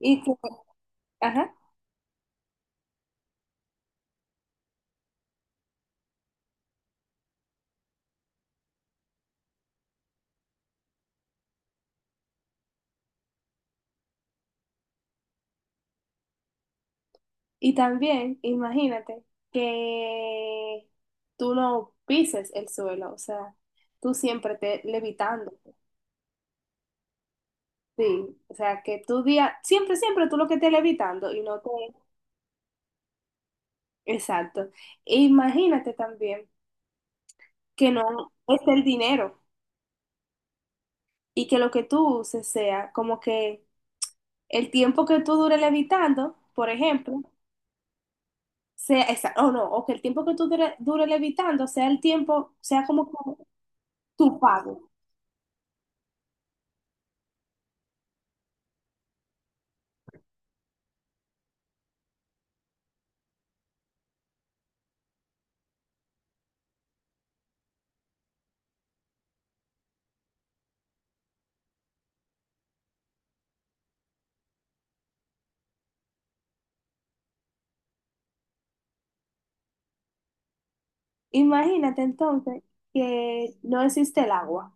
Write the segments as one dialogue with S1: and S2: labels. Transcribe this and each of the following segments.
S1: Y, ajá, y también, imagínate que tú no pises el suelo, o sea, tú siempre te levitando. Sí, o sea, que tú día, siempre, siempre tú lo que estés levitando y no te... Exacto. E imagínate también que no es el dinero y que lo que tú uses sea como que el tiempo que tú dure levitando, por ejemplo, sea esa, o no, o que el tiempo que tú dure levitando sea el tiempo, sea como que tu pago. Imagínate entonces que no existe el agua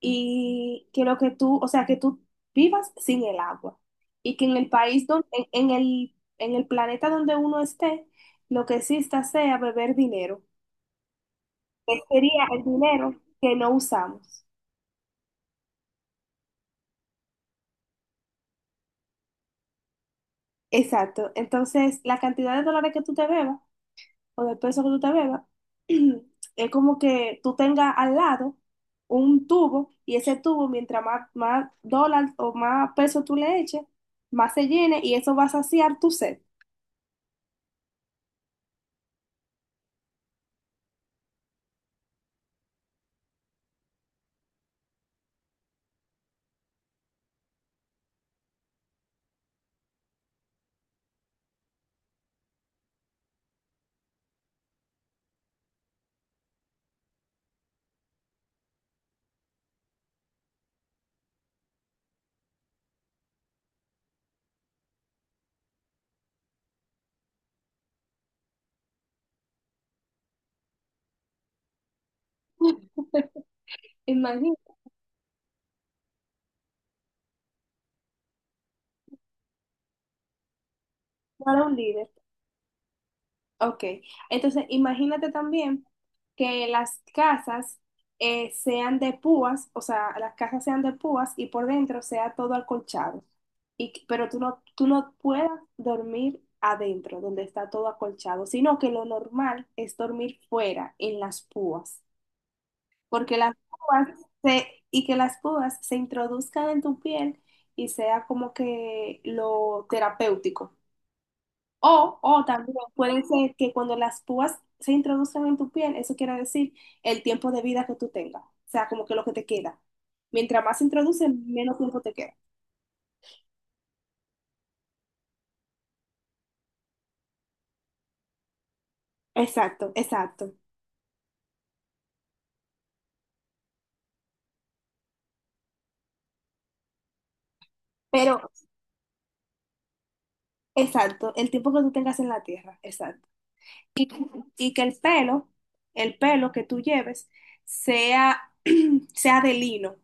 S1: y que lo que tú, o sea, que tú vivas sin el agua y que en el país donde, en el planeta donde uno esté, lo que exista sea beber dinero, que sería el dinero que no usamos. Exacto. Entonces, la cantidad de dólares que tú te bebas o después de todo eso que tú te bebas, es como que tú tengas al lado un tubo y ese tubo, mientras más, más dólar o más peso tú le eches, más se llene y eso va a saciar tu sed. Imagínate, para un líder. Ok, entonces imagínate también que las casas sean de púas, o sea, las casas sean de púas y por dentro sea todo acolchado, y, pero tú no puedas dormir adentro, donde está todo acolchado, sino que lo normal es dormir fuera, en las púas, porque las púas se introduzcan en tu piel y sea como que lo terapéutico. O también puede ser que cuando las púas se introduzcan en tu piel, eso quiere decir el tiempo de vida que tú tengas, o sea, como que lo que te queda. Mientras más se introducen, menos tiempo te queda. Exacto, exacto. Pero, exacto, el tiempo que tú tengas en la Tierra, exacto. Y, y que el pelo que tú lleves, sea, sea de lino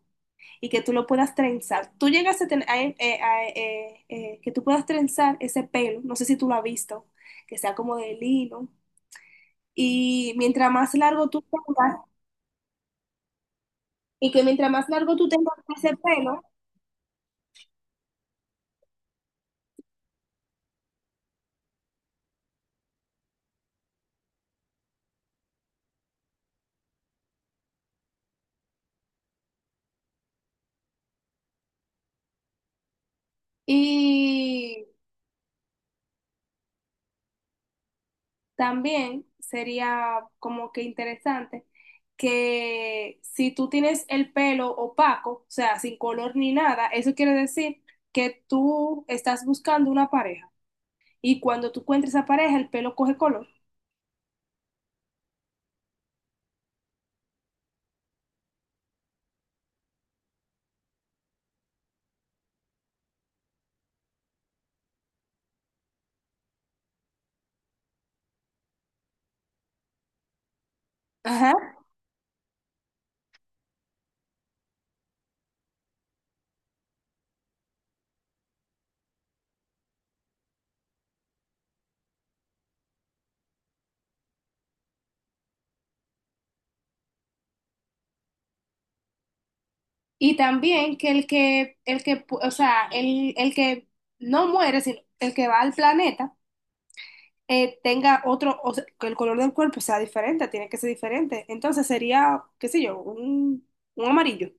S1: y que tú lo puedas trenzar. Tú llegas a tener, que tú puedas trenzar ese pelo, no sé si tú lo has visto, que sea como de lino. Y mientras más largo tú tengas, y que mientras más largo tú tengas ese pelo, y también sería como que interesante que si tú tienes el pelo opaco, o sea, sin color ni nada, eso quiere decir que tú estás buscando una pareja. Y cuando tú encuentres esa pareja, el pelo coge color. Ajá. Y también que el que, o sea, el que no muere, sino el que va al planeta tenga otro, o sea, que el color del cuerpo sea diferente, tiene que ser diferente. Entonces sería, qué sé yo, un amarillo.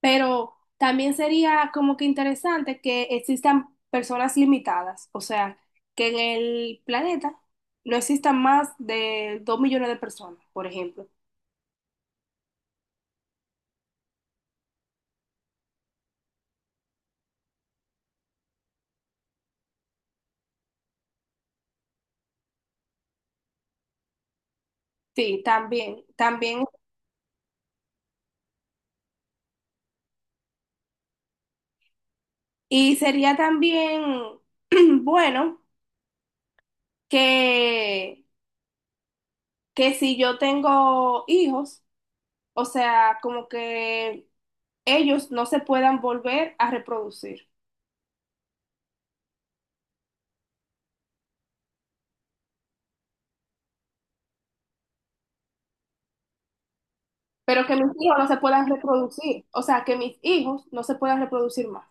S1: Pero también sería como que interesante que existan personas limitadas, o sea, que en el planeta no existan más de 2 millones de personas, por ejemplo. Sí, también, también. Y sería también bueno que, que si yo tengo hijos, o sea, como que ellos no se puedan volver a reproducir, pero que mis hijos no se puedan reproducir, o sea, que mis hijos no se puedan reproducir más.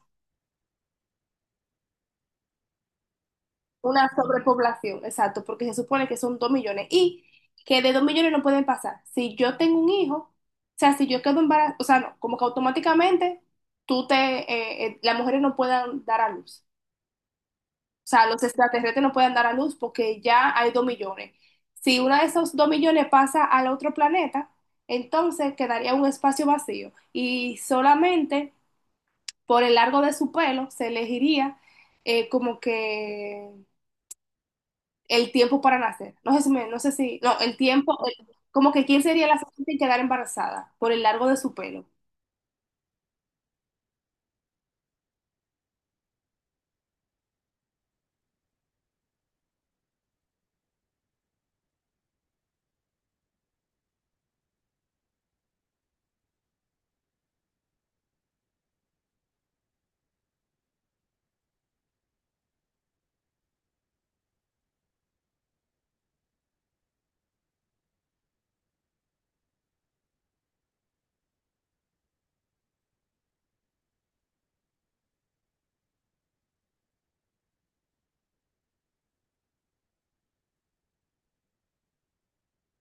S1: Una sobrepoblación, exacto, porque se supone que son 2 millones y que de 2 millones no pueden pasar. Si yo tengo un hijo, o sea, si yo quedo embarazada, o sea, no, como que automáticamente tú te, las mujeres no puedan dar a luz. O sea, los extraterrestres no pueden dar a luz porque ya hay 2 millones. Si uno de esos 2 millones pasa al otro planeta, entonces quedaría un espacio vacío y solamente por el largo de su pelo se elegiría como que el tiempo para nacer. No sé si, no, el tiempo, como que quién sería la siguiente en quedar embarazada por el largo de su pelo.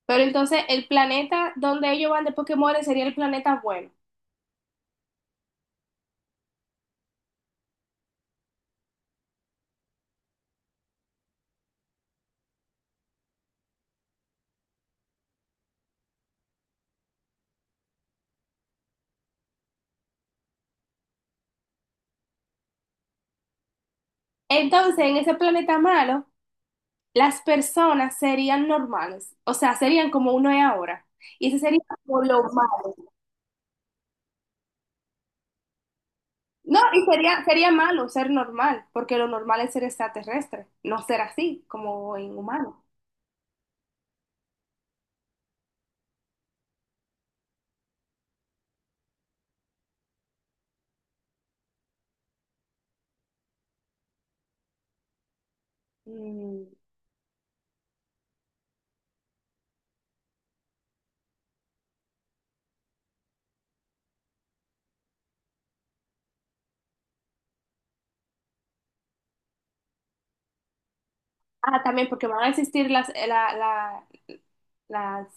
S1: Pero entonces el planeta donde ellos van después que mueren sería el planeta bueno. Entonces, en ese planeta malo, las personas serían normales, o sea, serían como uno es ahora. Y ese sería como lo malo. No, y sería, sería malo ser normal, porque lo normal es ser extraterrestre, no ser así, como en humano. Mm. Ah, también porque van a existir las, la, la, las,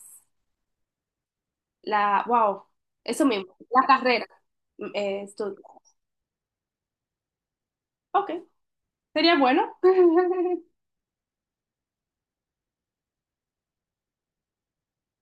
S1: la, wow, eso mismo, la carrera, estudio. Ok, sería bueno.